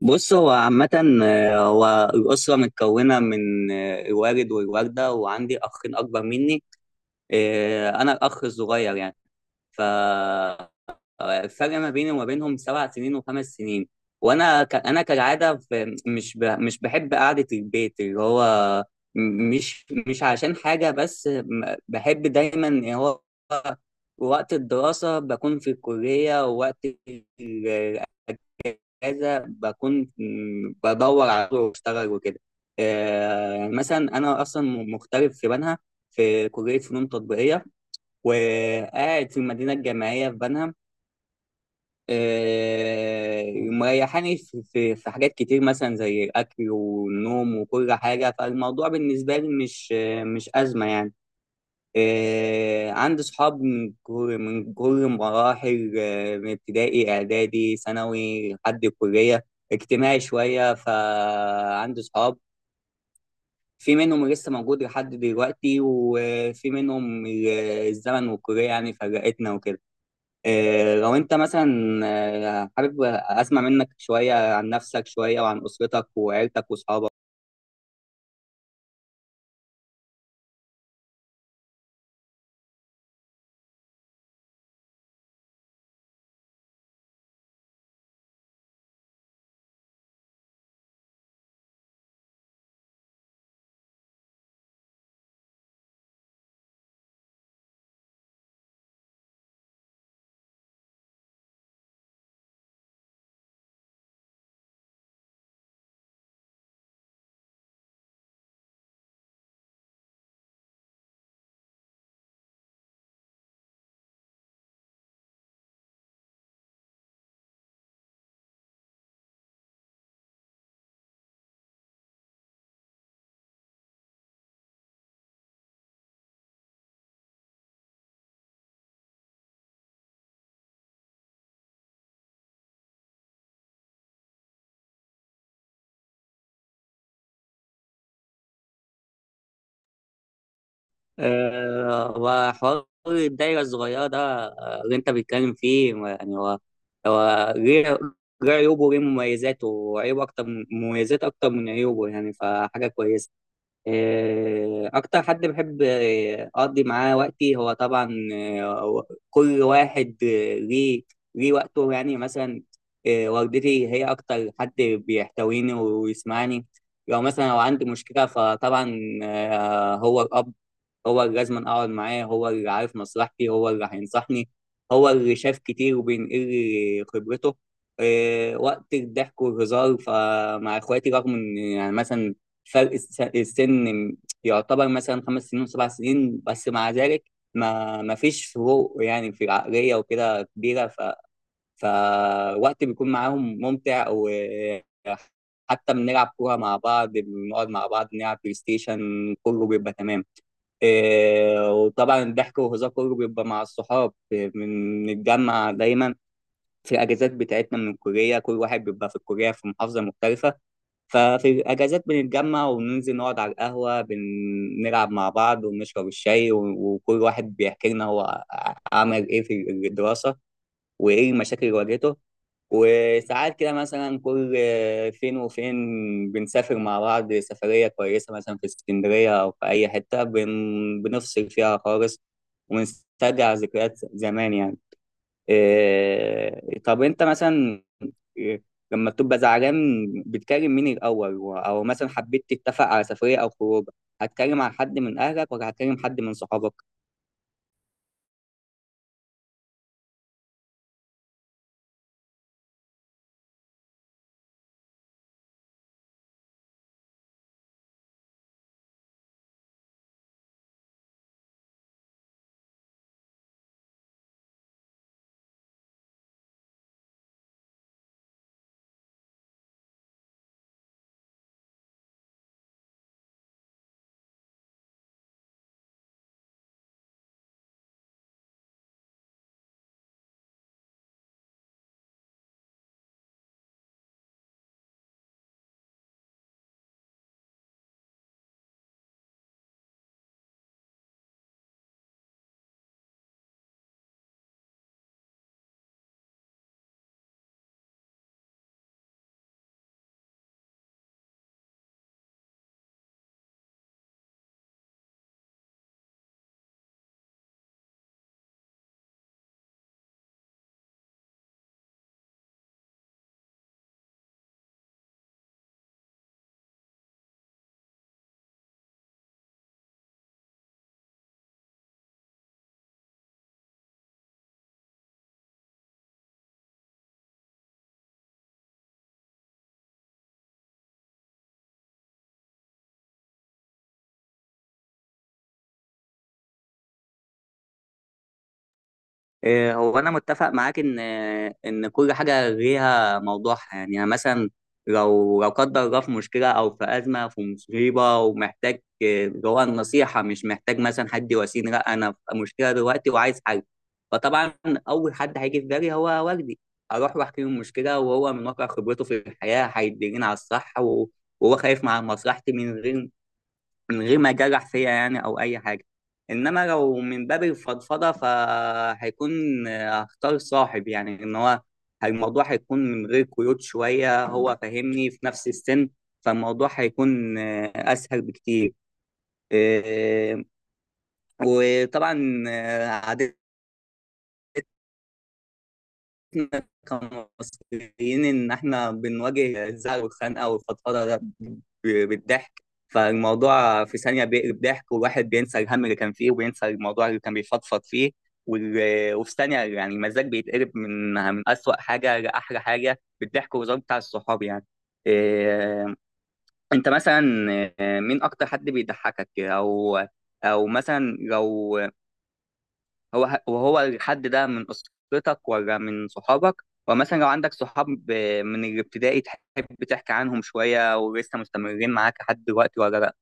بص، هو عامة. هو الأسرة متكونة من الوالد والوالدة، وعندي أخين أكبر مني. أنا الأخ الصغير يعني. فالفرق ما بيني وما بينهم 7 سنين وخمس سنين. أنا كالعادة، مش بحب قعدة البيت اللي هو مش عشان حاجة، بس بحب دايما اللي هو وقت الدراسة بكون في الكلية، ووقت اجازه بكون بدور على طول واشتغل وكده. يعني مثلا انا اصلا مغترب في بنها، في كليه فنون تطبيقيه، وقاعد في المدينه الجامعيه في بنها. مريحاني في حاجات كتير، مثلا زي الاكل والنوم وكل حاجه. فالموضوع بالنسبه لي مش مش ازمه يعني. عندي صحاب من كل مراحل، من ابتدائي، اعدادي، ثانوي لحد الكليه. اجتماعي شويه، فعندي صحاب في منهم لسه موجود لحد دلوقتي، وفي منهم الزمن والكليه يعني فرقتنا وكده. لو انت مثلا، حابب اسمع منك شويه عن نفسك شويه، وعن اسرتك وعيلتك واصحابك. وحوار الدايرة الصغيرة ده، اللي أنت بتتكلم فيه، يعني هو ليه عيوبه وليه مميزاته، وعيوبه أكتر من مميزاته أكتر من عيوبه يعني، فحاجة كويسة. أكتر حد بحب أقضي معاه وقتي هو طبعا، كل واحد ليه وقته يعني مثلا. والدتي هي أكتر حد بيحتويني ويسمعني. لو مثلا عندي مشكلة، فطبعا هو الأب، هو اللي لازم اقعد معاه، هو اللي عارف مصلحتي، هو اللي هينصحني، هو اللي شاف كتير وبينقل لي خبرته. إيه، وقت الضحك والهزار فمع اخواتي، رغم ان يعني مثلا فرق السن يعتبر مثلا 5 سنين وسبع سنين، بس مع ذلك ما فيش فروق يعني في العقلية وكده كبيرة، فوقت بيكون معاهم ممتع، وحتى بنلعب كورة مع بعض، بنقعد مع بعض نلعب بلاي ستيشن، كله بيبقى تمام. إيه، وطبعا الضحك والهزار كله بيبقى مع الصحاب. إيه، بنتجمع دايما في الاجازات بتاعتنا من الكليه. كل واحد بيبقى في الكليه في محافظه مختلفه، ففي الاجازات بنتجمع وننزل نقعد على القهوه، بنلعب مع بعض ونشرب الشاي، وكل واحد بيحكي لنا هو عمل ايه في الدراسه، وايه المشاكل اللي واجهته. وساعات كده مثلا كل فين وفين بنسافر مع بعض سفرية كويسة، مثلا في اسكندرية أو في أي حتة بنفصل فيها خالص ونسترجع ذكريات زمان يعني. إيه، طب أنت مثلا، إيه، لما بتبقى زعلان بتكلم مين الأول، أو مثلا حبيت تتفق على سفرية أو خروج، هتكلم على حد من أهلك ولا هتكلم حد من صحابك؟ إيه، هو انا متفق معاك ان كل حاجه ليها موضوعها يعني. أنا مثلا لو قدر الله في مشكله او في ازمه في مصيبه، ومحتاج اللي هو النصيحه، مش محتاج مثلا حد يواسيني. لا، انا في مشكله دلوقتي وعايز حل. فطبعا اول حد هيجي في بالي هو والدي، اروح واحكي له المشكله، وهو من واقع خبرته في الحياه هيدلني على الصح، وهو خايف مع مصلحتي، من غير ما يجرح فيا يعني او اي حاجه. انما لو من باب الفضفضه، فهيكون هختار صاحب يعني، ان هو الموضوع هيكون من غير قيود شويه، هو فاهمني في نفس السن، فالموضوع هيكون اسهل بكتير. إيه، وطبعا عادة إحنا كمصريين إن إحنا بنواجه الزعل والخنقة والفضفضة ده بالضحك. فالموضوع في ثانية بيقلب ضحك، والواحد بينسى الهم اللي كان فيه، وبينسى الموضوع اللي كان بيفضفض فيه. وفي ثانية يعني المزاج بيتقلب من أسوأ حاجة لأحلى حاجة بالضحك والهزار بتاع الصحاب يعني. إيه، أنت مثلا، إيه، مين أكتر حد بيضحكك، أو مثلا لو هو وهو الحد ده من أسرتك ولا من صحابك؟ ومثلا لو عندك صحاب من الابتدائي، تحب تحكي عنهم شوية؟ ولسه مستمرين معاك لحد دلوقتي ولا لأ؟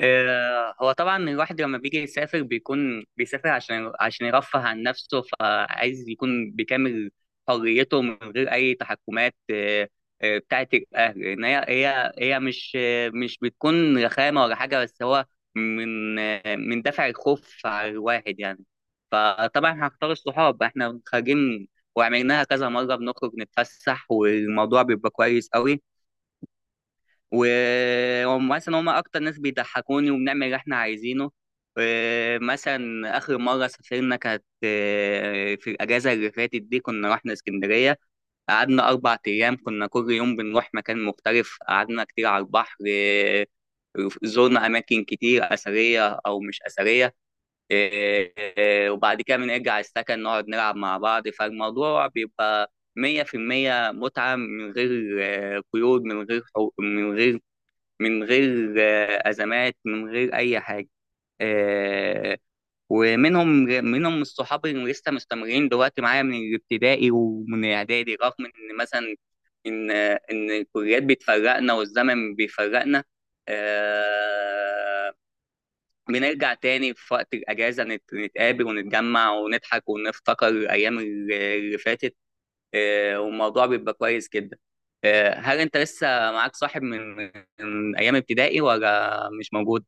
هو طبعا الواحد لما بيجي يسافر بيكون بيسافر عشان يرفه عن نفسه، فعايز يكون بكامل حريته من غير اي تحكمات، بتاعت الاهل، ان هي مش مش بتكون رخامه ولا حاجه، بس هو من دافع الخوف على الواحد يعني. فطبعا هختار الصحاب. احنا خارجين وعملناها كذا مره، بنخرج نتفسح والموضوع بيبقى كويس قوي. وهم مثلا اكتر ناس بيضحكوني، وبنعمل اللي احنا عايزينه. مثلا اخر مره سافرنا كانت في الاجازه اللي فاتت دي، كنا رحنا اسكندريه. قعدنا 4 ايام، كنا كل يوم بنروح مكان مختلف، قعدنا كتير على البحر. زرنا اماكن كتير اثريه او مش اثريه. وبعد كده بنرجع السكن نقعد نلعب مع بعض، فالموضوع بيبقى 100% متعة، من غير قيود، من غير حقوق، من غير أزمات، من غير أي حاجة. آه، ومنهم الصحاب اللي لسه مستمرين دلوقتي معايا من الابتدائي ومن الإعدادي، رغم إن مثلا إن الكليات بتفرقنا والزمن بيفرقنا. آه، بنرجع تاني في وقت الأجازة، نتقابل ونتجمع ونضحك ونفتكر الأيام اللي فاتت. والموضوع بيبقى كويس جدا. هل انت لسه معاك صاحب من ايام ابتدائي ولا مش موجود؟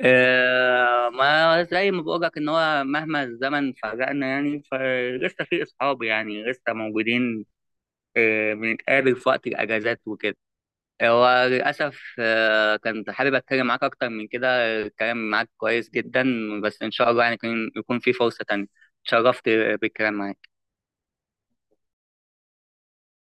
ما زي ما بقولك ان هو مهما الزمن فرقنا يعني فلسه في اصحاب يعني لسه موجودين. بنتقابل في وقت الاجازات وكده. هو للأسف كنت حابب أتكلم معاك أكتر من كده. الكلام معاك كويس جدا، بس إن شاء الله يعني يكون في فرصة تانية. اتشرفت بالكلام معاك.